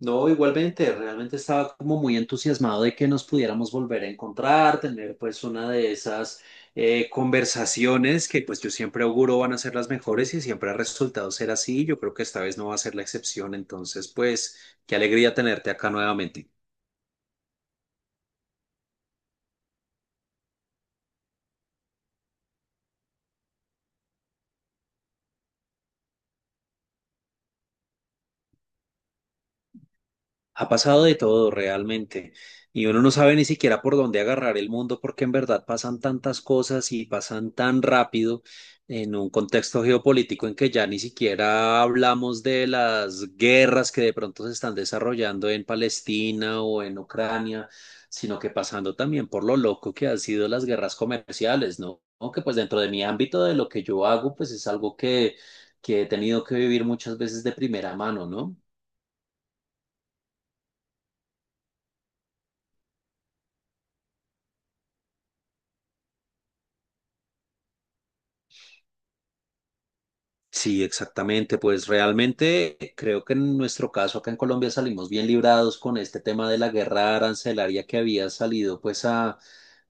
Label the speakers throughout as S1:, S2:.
S1: No, igualmente, realmente estaba como muy entusiasmado de que nos pudiéramos volver a encontrar, tener pues una de esas conversaciones que pues yo siempre auguro van a ser las mejores y siempre ha resultado ser así. Yo creo que esta vez no va a ser la excepción, entonces pues qué alegría tenerte acá nuevamente. Ha pasado de todo realmente y uno no sabe ni siquiera por dónde agarrar el mundo porque en verdad pasan tantas cosas y pasan tan rápido en un contexto geopolítico en que ya ni siquiera hablamos de las guerras que de pronto se están desarrollando en Palestina o en Ucrania, sino que pasando también por lo loco que han sido las guerras comerciales, ¿no? ¿No? Que pues dentro de mi ámbito de lo que yo hago, pues es algo que he tenido que vivir muchas veces de primera mano, ¿no? Sí, exactamente. Pues realmente creo que en nuestro caso acá en Colombia salimos bien librados con este tema de la guerra arancelaria que había salido pues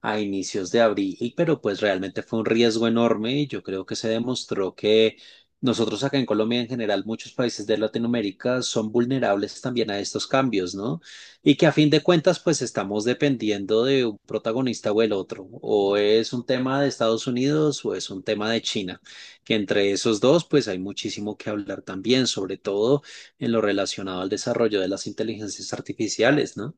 S1: a inicios de abril, pero pues realmente fue un riesgo enorme y yo creo que se demostró que nosotros acá en Colombia en general, muchos países de Latinoamérica son vulnerables también a estos cambios, ¿no? Y que a fin de cuentas pues estamos dependiendo de un protagonista o el otro, o es un tema de Estados Unidos o es un tema de China que entre esos dos, pues hay muchísimo que hablar también, sobre todo en lo relacionado al desarrollo de las inteligencias artificiales, ¿no?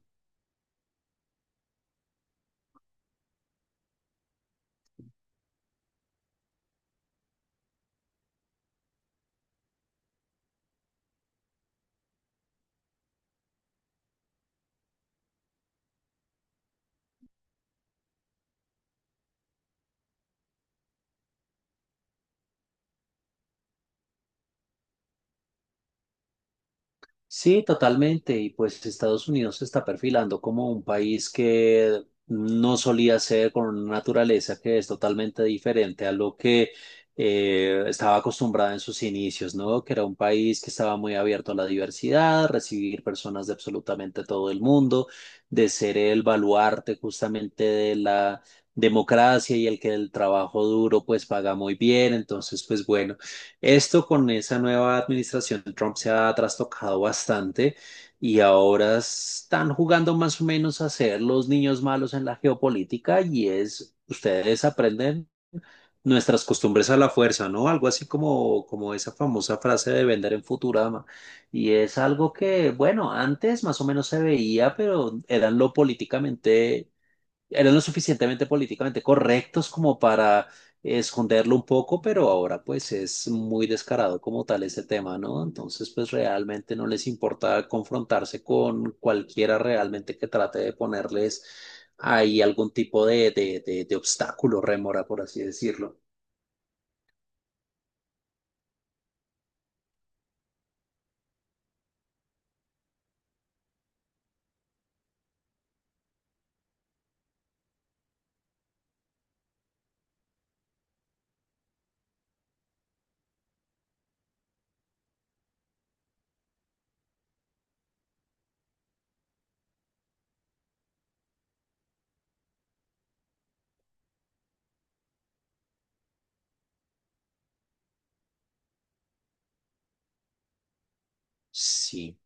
S1: Sí, totalmente. Y pues Estados Unidos se está perfilando como un país que no solía ser con una naturaleza que es totalmente diferente a lo que estaba acostumbrada en sus inicios, ¿no? Que era un país que estaba muy abierto a la diversidad, recibir personas de absolutamente todo el mundo, de ser el baluarte justamente de la democracia y el que el trabajo duro pues paga muy bien. Entonces, pues bueno. Esto con esa nueva administración de Trump se ha trastocado bastante y ahora están jugando más o menos a ser los niños malos en la geopolítica y es, ustedes aprenden nuestras costumbres a la fuerza, ¿no? Algo así como, como esa famosa frase de vender en Futurama. Y es algo que, bueno, antes más o menos se veía, pero eran lo políticamente eran lo suficientemente políticamente correctos como para esconderlo un poco, pero ahora pues es muy descarado como tal ese tema, ¿no? Entonces pues realmente no les importa confrontarse con cualquiera realmente que trate de ponerles ahí algún tipo de obstáculo, rémora, por así decirlo. Sí.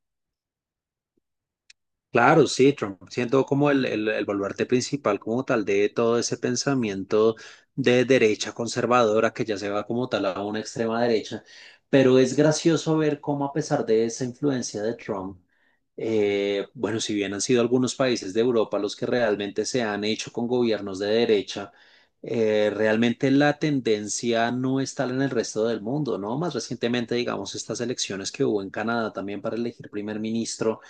S1: Claro, sí, Trump siendo como el baluarte principal como tal de todo ese pensamiento de derecha conservadora que ya se va como tal a una extrema derecha, pero es gracioso ver cómo a pesar de esa influencia de Trump, bueno, si bien han sido algunos países de Europa los que realmente se han hecho con gobiernos de derecha, realmente la tendencia no está en el resto del mundo, ¿no? Más recientemente, digamos, estas elecciones que hubo en Canadá también para elegir primer ministro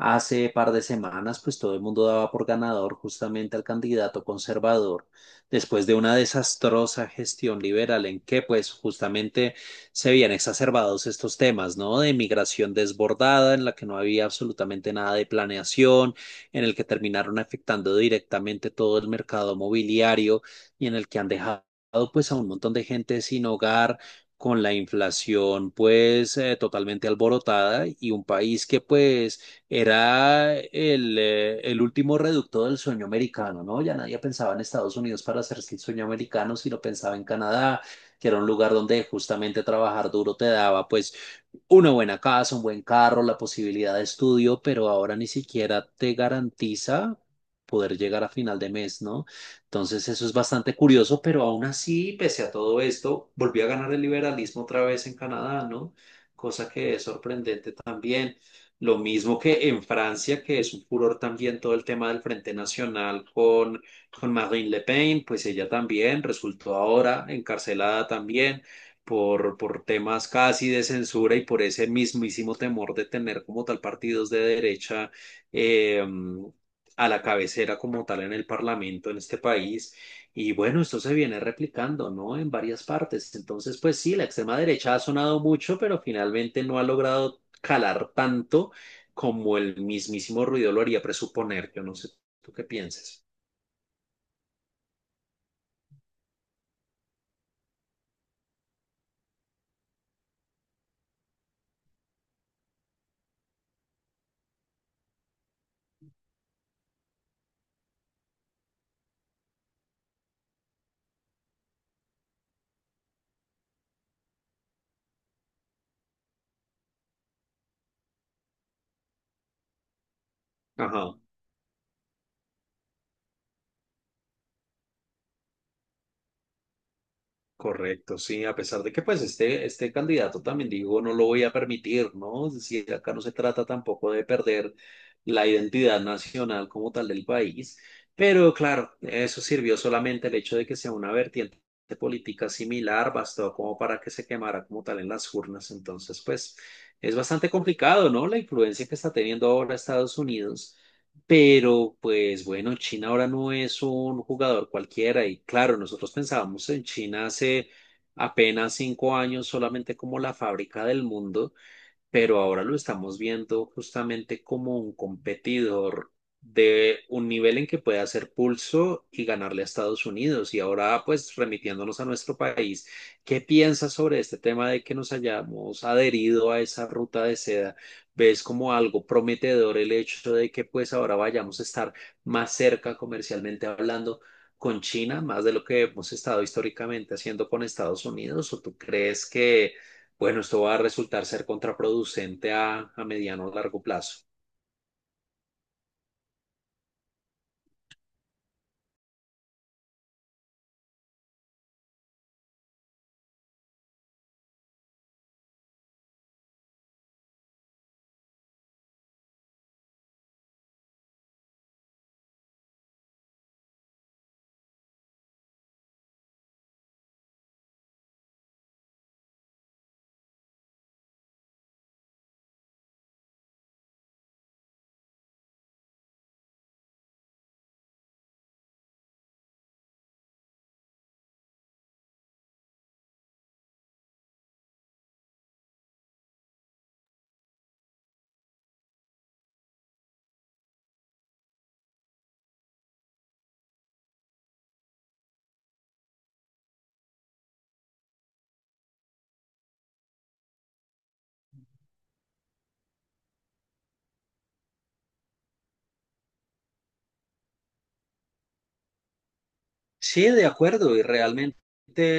S1: hace par de semanas, pues todo el mundo daba por ganador justamente al candidato conservador, después de una desastrosa gestión liberal en que, pues justamente se habían exacerbados estos temas, ¿no? De migración desbordada, en la que no había absolutamente nada de planeación, en el que terminaron afectando directamente todo el mercado mobiliario y en el que han dejado, pues, a un montón de gente sin hogar, con la inflación pues totalmente alborotada y un país que pues era el último reducto del sueño americano, ¿no? Ya nadie pensaba en Estados Unidos para hacerse el sueño americano, sino pensaba en Canadá, que era un lugar donde justamente trabajar duro te daba, pues, una buena casa, un buen carro, la posibilidad de estudio, pero ahora ni siquiera te garantiza poder llegar a final de mes, ¿no? Entonces eso es bastante curioso, pero aún así, pese a todo esto, volvió a ganar el liberalismo otra vez en Canadá, ¿no? Cosa que es sorprendente también. Lo mismo que en Francia, que es un furor también todo el tema del Frente Nacional con Marine Le Pen, pues ella también resultó ahora encarcelada también por temas casi de censura y por ese mismísimo temor de tener como tal partidos de derecha eh, a la cabecera como tal en el Parlamento en este país. Y bueno, esto se viene replicando, ¿no? En varias partes. Entonces, pues sí, la extrema derecha ha sonado mucho, pero finalmente no ha logrado calar tanto como el mismísimo ruido lo haría presuponer. Yo no sé tú qué piensas. Ajá. Correcto, sí, a pesar de que pues este candidato también dijo no lo voy a permitir, ¿no? Es decir, acá no se trata tampoco de perder la identidad nacional como tal del país, pero claro, eso sirvió solamente el hecho de que sea una vertiente política similar, bastó como para que se quemara como tal en las urnas, entonces pues es bastante complicado, ¿no? La influencia que está teniendo ahora Estados Unidos, pero pues bueno, China ahora no es un jugador cualquiera y claro, nosotros pensábamos en China hace apenas 5 años solamente como la fábrica del mundo, pero ahora lo estamos viendo justamente como un competidor de un nivel en que puede hacer pulso y ganarle a Estados Unidos. Y ahora, pues, remitiéndonos a nuestro país, ¿qué piensas sobre este tema de que nos hayamos adherido a esa ruta de seda? ¿Ves como algo prometedor el hecho de que, pues, ahora vayamos a estar más cerca comercialmente hablando con China, más de lo que hemos estado históricamente haciendo con Estados Unidos, o tú crees que bueno, esto va a resultar ser contraproducente a mediano o largo plazo? Sí, de acuerdo, y realmente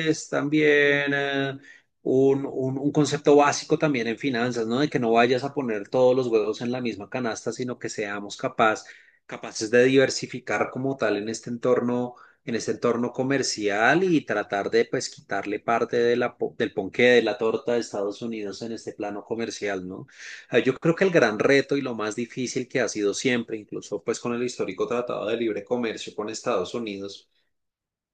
S1: es también un, un concepto básico también en finanzas, ¿no? De que no vayas a poner todos los huevos en la misma canasta, sino que seamos capaces de diversificar como tal en este entorno comercial y tratar de pues quitarle parte de la, del ponqué de la torta de Estados Unidos en este plano comercial, ¿no? Yo creo que el gran reto y lo más difícil que ha sido siempre, incluso pues con el histórico Tratado de Libre Comercio con Estados Unidos,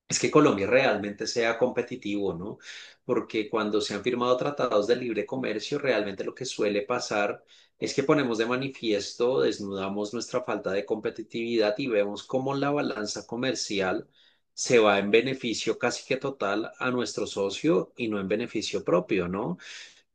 S1: es que Colombia realmente sea competitivo, ¿no? Porque cuando se han firmado tratados de libre comercio, realmente lo que suele pasar es que ponemos de manifiesto, desnudamos nuestra falta de competitividad y vemos cómo la balanza comercial se va en beneficio casi que total a nuestro socio y no en beneficio propio, ¿no?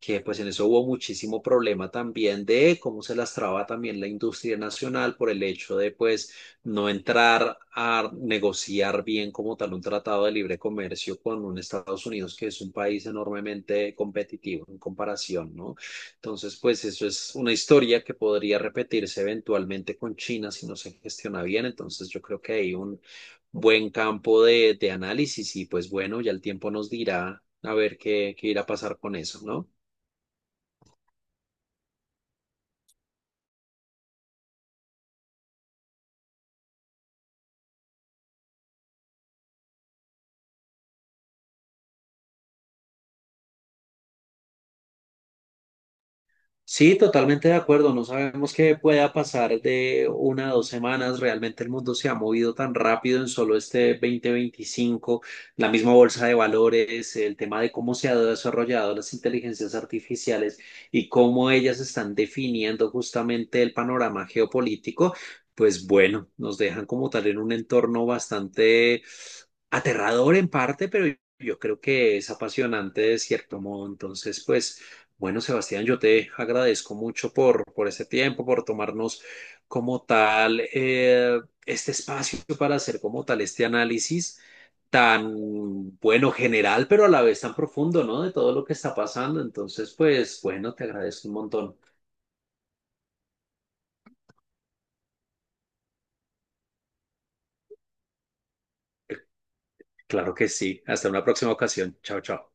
S1: Que pues en eso hubo muchísimo problema también de cómo se lastraba también la industria nacional por el hecho de pues no entrar a negociar bien como tal un tratado de libre comercio con un Estados Unidos que es un país enormemente competitivo en comparación, ¿no? Entonces pues eso es una historia que podría repetirse eventualmente con China si no se gestiona bien, entonces yo creo que hay un buen campo de análisis y pues bueno, ya el tiempo nos dirá a ver qué, qué irá a pasar con eso, ¿no? Sí, totalmente de acuerdo. No sabemos qué pueda pasar de una a 2 semanas. Realmente el mundo se ha movido tan rápido en solo este 2025. La misma bolsa de valores, el tema de cómo se han desarrollado las inteligencias artificiales y cómo ellas están definiendo justamente el panorama geopolítico. Pues bueno, nos dejan como tal en un entorno bastante aterrador en parte, pero yo creo que es apasionante de cierto modo. Entonces, pues, bueno, Sebastián, yo te agradezco mucho por este tiempo, por tomarnos como tal este espacio para hacer como tal este análisis tan bueno general, pero a la vez tan profundo, ¿no? De todo lo que está pasando. Entonces, pues, bueno, te agradezco un montón. Claro que sí. Hasta una próxima ocasión. Chao, chao.